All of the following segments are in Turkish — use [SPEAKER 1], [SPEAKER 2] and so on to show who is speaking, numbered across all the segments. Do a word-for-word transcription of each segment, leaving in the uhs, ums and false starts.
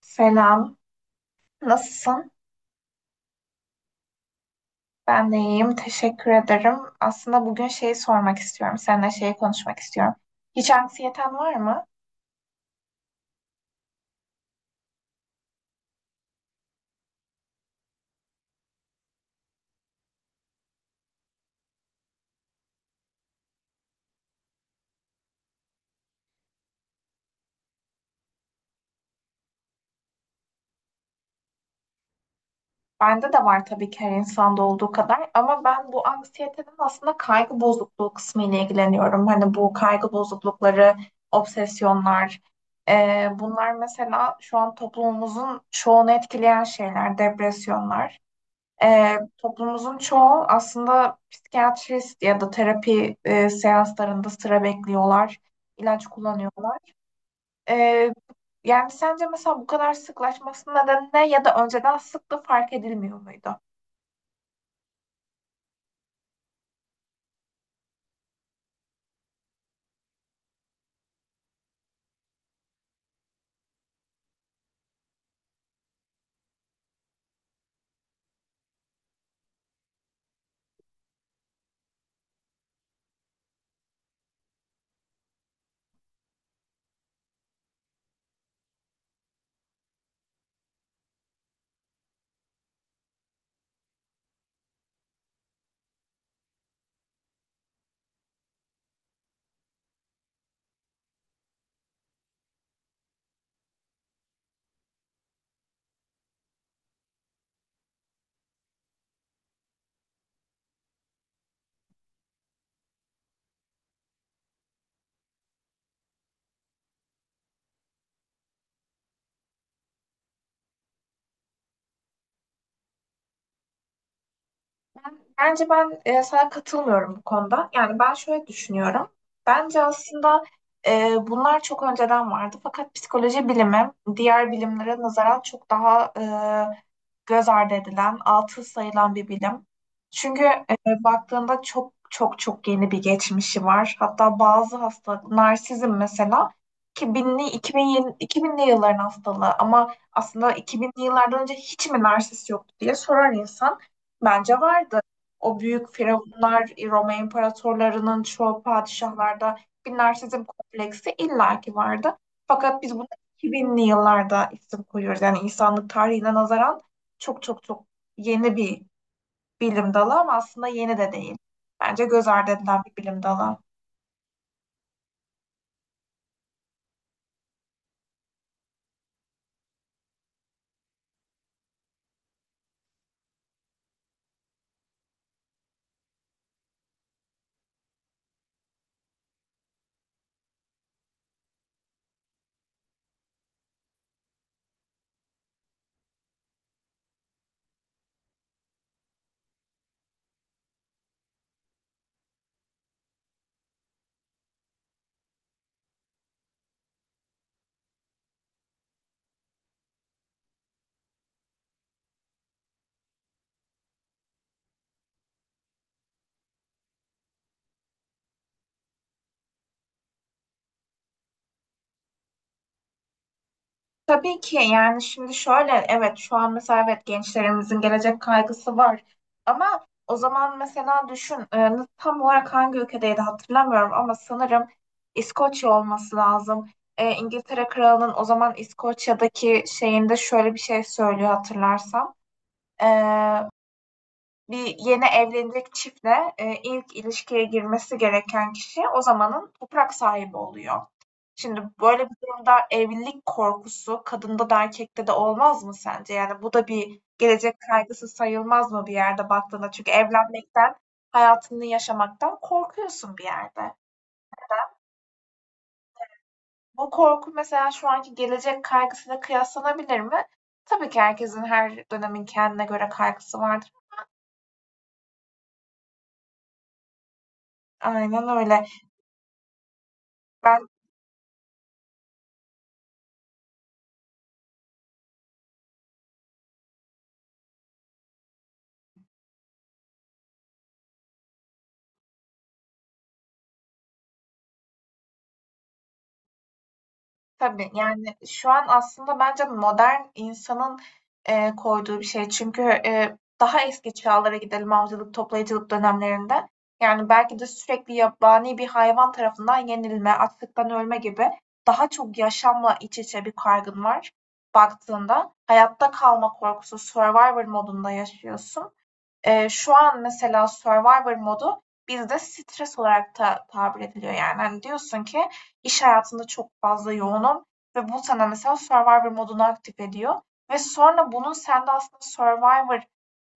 [SPEAKER 1] Selam. Nasılsın? Ben de iyiyim. Teşekkür ederim. Aslında bugün şeyi sormak istiyorum. Seninle şeyi konuşmak istiyorum. Hiç anksiyeten var mı? Bende de var tabii ki her insanda olduğu kadar. Ama ben bu anksiyetenin aslında kaygı bozukluğu kısmı ile ilgileniyorum. Hani bu kaygı bozuklukları, obsesyonlar. Eee, bunlar mesela şu an toplumumuzun çoğunu etkileyen şeyler, depresyonlar. E, toplumumuzun çoğu aslında psikiyatrist ya da terapi e, seanslarında sıra bekliyorlar, ilaç kullanıyorlar. E, Yani sence mesela bu kadar sıklaşmasının nedeni ne ya da önceden sıklığı fark edilmiyor muydu? Bence ben e, sana katılmıyorum bu konuda. Yani ben şöyle düşünüyorum. Bence aslında e, bunlar çok önceden vardı. Fakat psikoloji bilimi diğer bilimlere nazaran çok daha e, göz ardı edilen, altı sayılan bir bilim. Çünkü e, baktığında çok çok çok yeni bir geçmişi var. Hatta bazı hastalık, narsizm mesela 2000'li 2000, iki binli yılların hastalığı ama aslında iki binli yıllardan önce hiç mi narsist yoktu diye sorar insan. Bence vardı. O büyük firavunlar, Roma imparatorlarının çoğu padişahlarda bir narsizm kompleksi illaki vardı. Fakat biz buna iki binli yıllarda isim koyuyoruz. Yani insanlık tarihine nazaran çok çok çok yeni bir bilim dalı ama aslında yeni de değil. Bence göz ardı edilen bir bilim dalı. Tabii ki yani şimdi şöyle, evet, şu an mesela, evet, gençlerimizin gelecek kaygısı var ama o zaman mesela düşün e, tam olarak hangi ülkedeydi hatırlamıyorum ama sanırım İskoçya olması lazım. E, İngiltere Kralı'nın o zaman İskoçya'daki şeyinde şöyle bir şey söylüyor hatırlarsam. E, Bir yeni evlenecek çiftle e, ilk ilişkiye girmesi gereken kişi o zamanın toprak sahibi oluyor. Şimdi böyle bir durumda evlilik korkusu kadında da erkekte de olmaz mı sence? Yani bu da bir gelecek kaygısı sayılmaz mı bir yerde baktığında? Çünkü evlenmekten, hayatını yaşamaktan korkuyorsun bir yerde. Bu korku mesela şu anki gelecek kaygısıyla kıyaslanabilir mi? Tabii ki herkesin her dönemin kendine göre kaygısı vardır. Aynen öyle. Ben Tabii, yani, şu an aslında bence modern insanın, eee, koyduğu bir şey. Çünkü, eee, daha eski çağlara gidelim avcılık, toplayıcılık dönemlerinde. Yani, belki de sürekli yabani bir hayvan tarafından yenilme, açlıktan ölme gibi daha çok yaşamla iç içe bir kaygın var baktığında. Hayatta kalma korkusu, survivor modunda yaşıyorsun. Eee, şu an mesela Survivor modu bizde stres olarak da tabir ediliyor yani. Hani diyorsun ki iş hayatında çok fazla yoğunum ve bu sana mesela Survivor modunu aktif ediyor ve sonra bunun sende aslında Survivor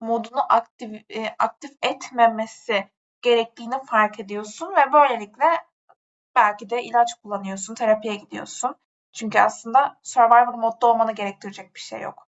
[SPEAKER 1] modunu aktif, eee, aktif etmemesi gerektiğini fark ediyorsun ve böylelikle belki de ilaç kullanıyorsun, terapiye gidiyorsun. Çünkü aslında Survivor modda olmanı gerektirecek bir şey yok.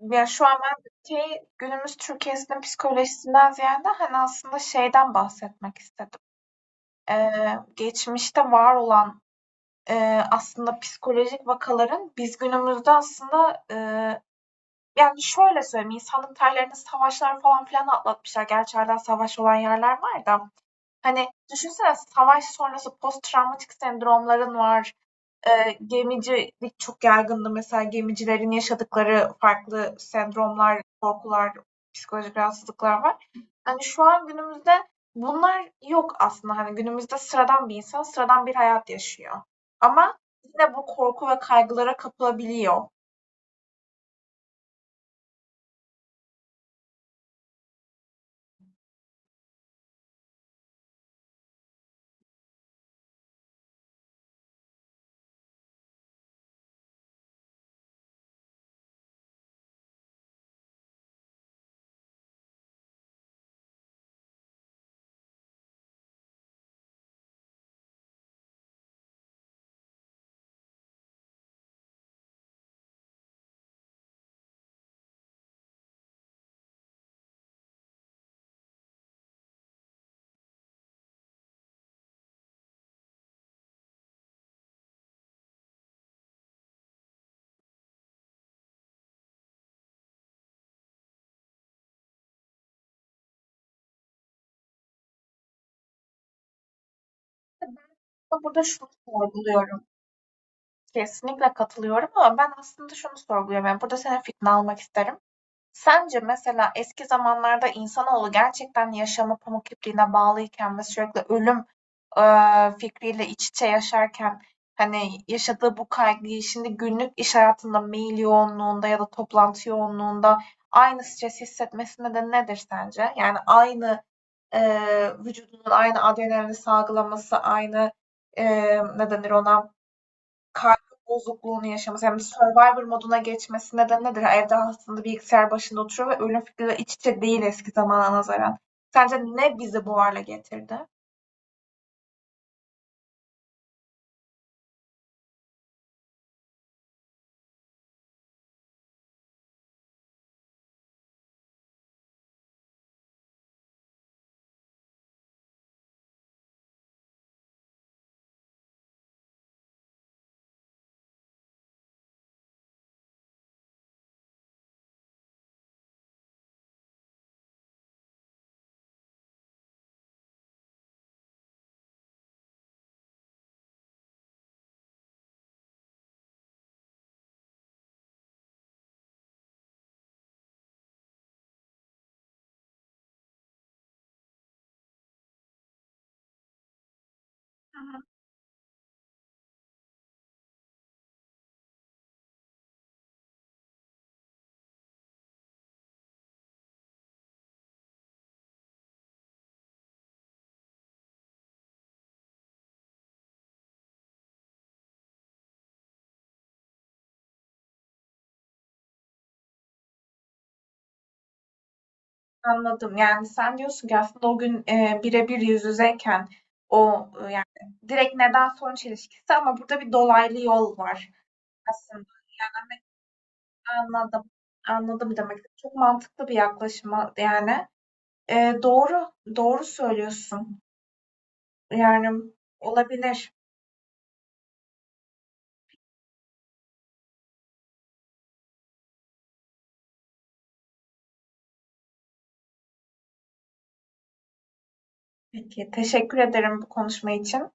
[SPEAKER 1] Ya şu an ben şey, günümüz Türkiye'sinin psikolojisinden ziyade hani aslında şeyden bahsetmek istedim. Ee, Geçmişte var olan e, aslında psikolojik vakaların biz günümüzde aslında e, yani şöyle söyleyeyim, insanlık tarihlerinde savaşlar falan filan atlatmışlar. Gerçi hala savaş olan yerler var da. Hani düşünsene savaş sonrası post travmatik sendromların var. Eee, gemicilik çok yaygındı. Mesela gemicilerin yaşadıkları farklı sendromlar, korkular, psikolojik rahatsızlıklar var. Hani şu an günümüzde bunlar yok aslında. Hani günümüzde sıradan bir insan sıradan bir hayat yaşıyor. Ama yine bu korku ve kaygılara kapılabiliyor. Ben burada şunu sorguluyorum. Kesinlikle katılıyorum ama ben aslında şunu sorguluyorum. Yani burada senin fikrini almak isterim. Sence mesela eski zamanlarda insanoğlu gerçekten yaşamı pamuk ipliğine bağlıyken ve sürekli ölüm eee, fikriyle iç içe yaşarken hani yaşadığı bu kaygıyı şimdi günlük iş hayatında mail yoğunluğunda ya da toplantı yoğunluğunda aynı stres hissetmesine de nedir sence? Yani aynı eee, vücudunun aynı adrenalini salgılaması, aynı eee ne denir ona? Kaygı bozukluğunu yaşaması, yani Survivor moduna geçmesi nedeni nedir? Yani evde aslında bilgisayar başında oturuyor ve ölüm fikriyle iç içe değil eski zamana nazaran. Sence ne bizi bu hale getirdi? Hı hı. Anladım. Yani sen diyorsun ki aslında o gün e, birebir yüz yüzeyken o e, yani direkt neden sonuç ilişkisi ama burada bir dolaylı yol var aslında. Anladım. Anladım demek. Çok mantıklı bir yaklaşım yani. E, doğru. Doğru söylüyorsun. Yani olabilir. Peki, teşekkür ederim bu konuşma için.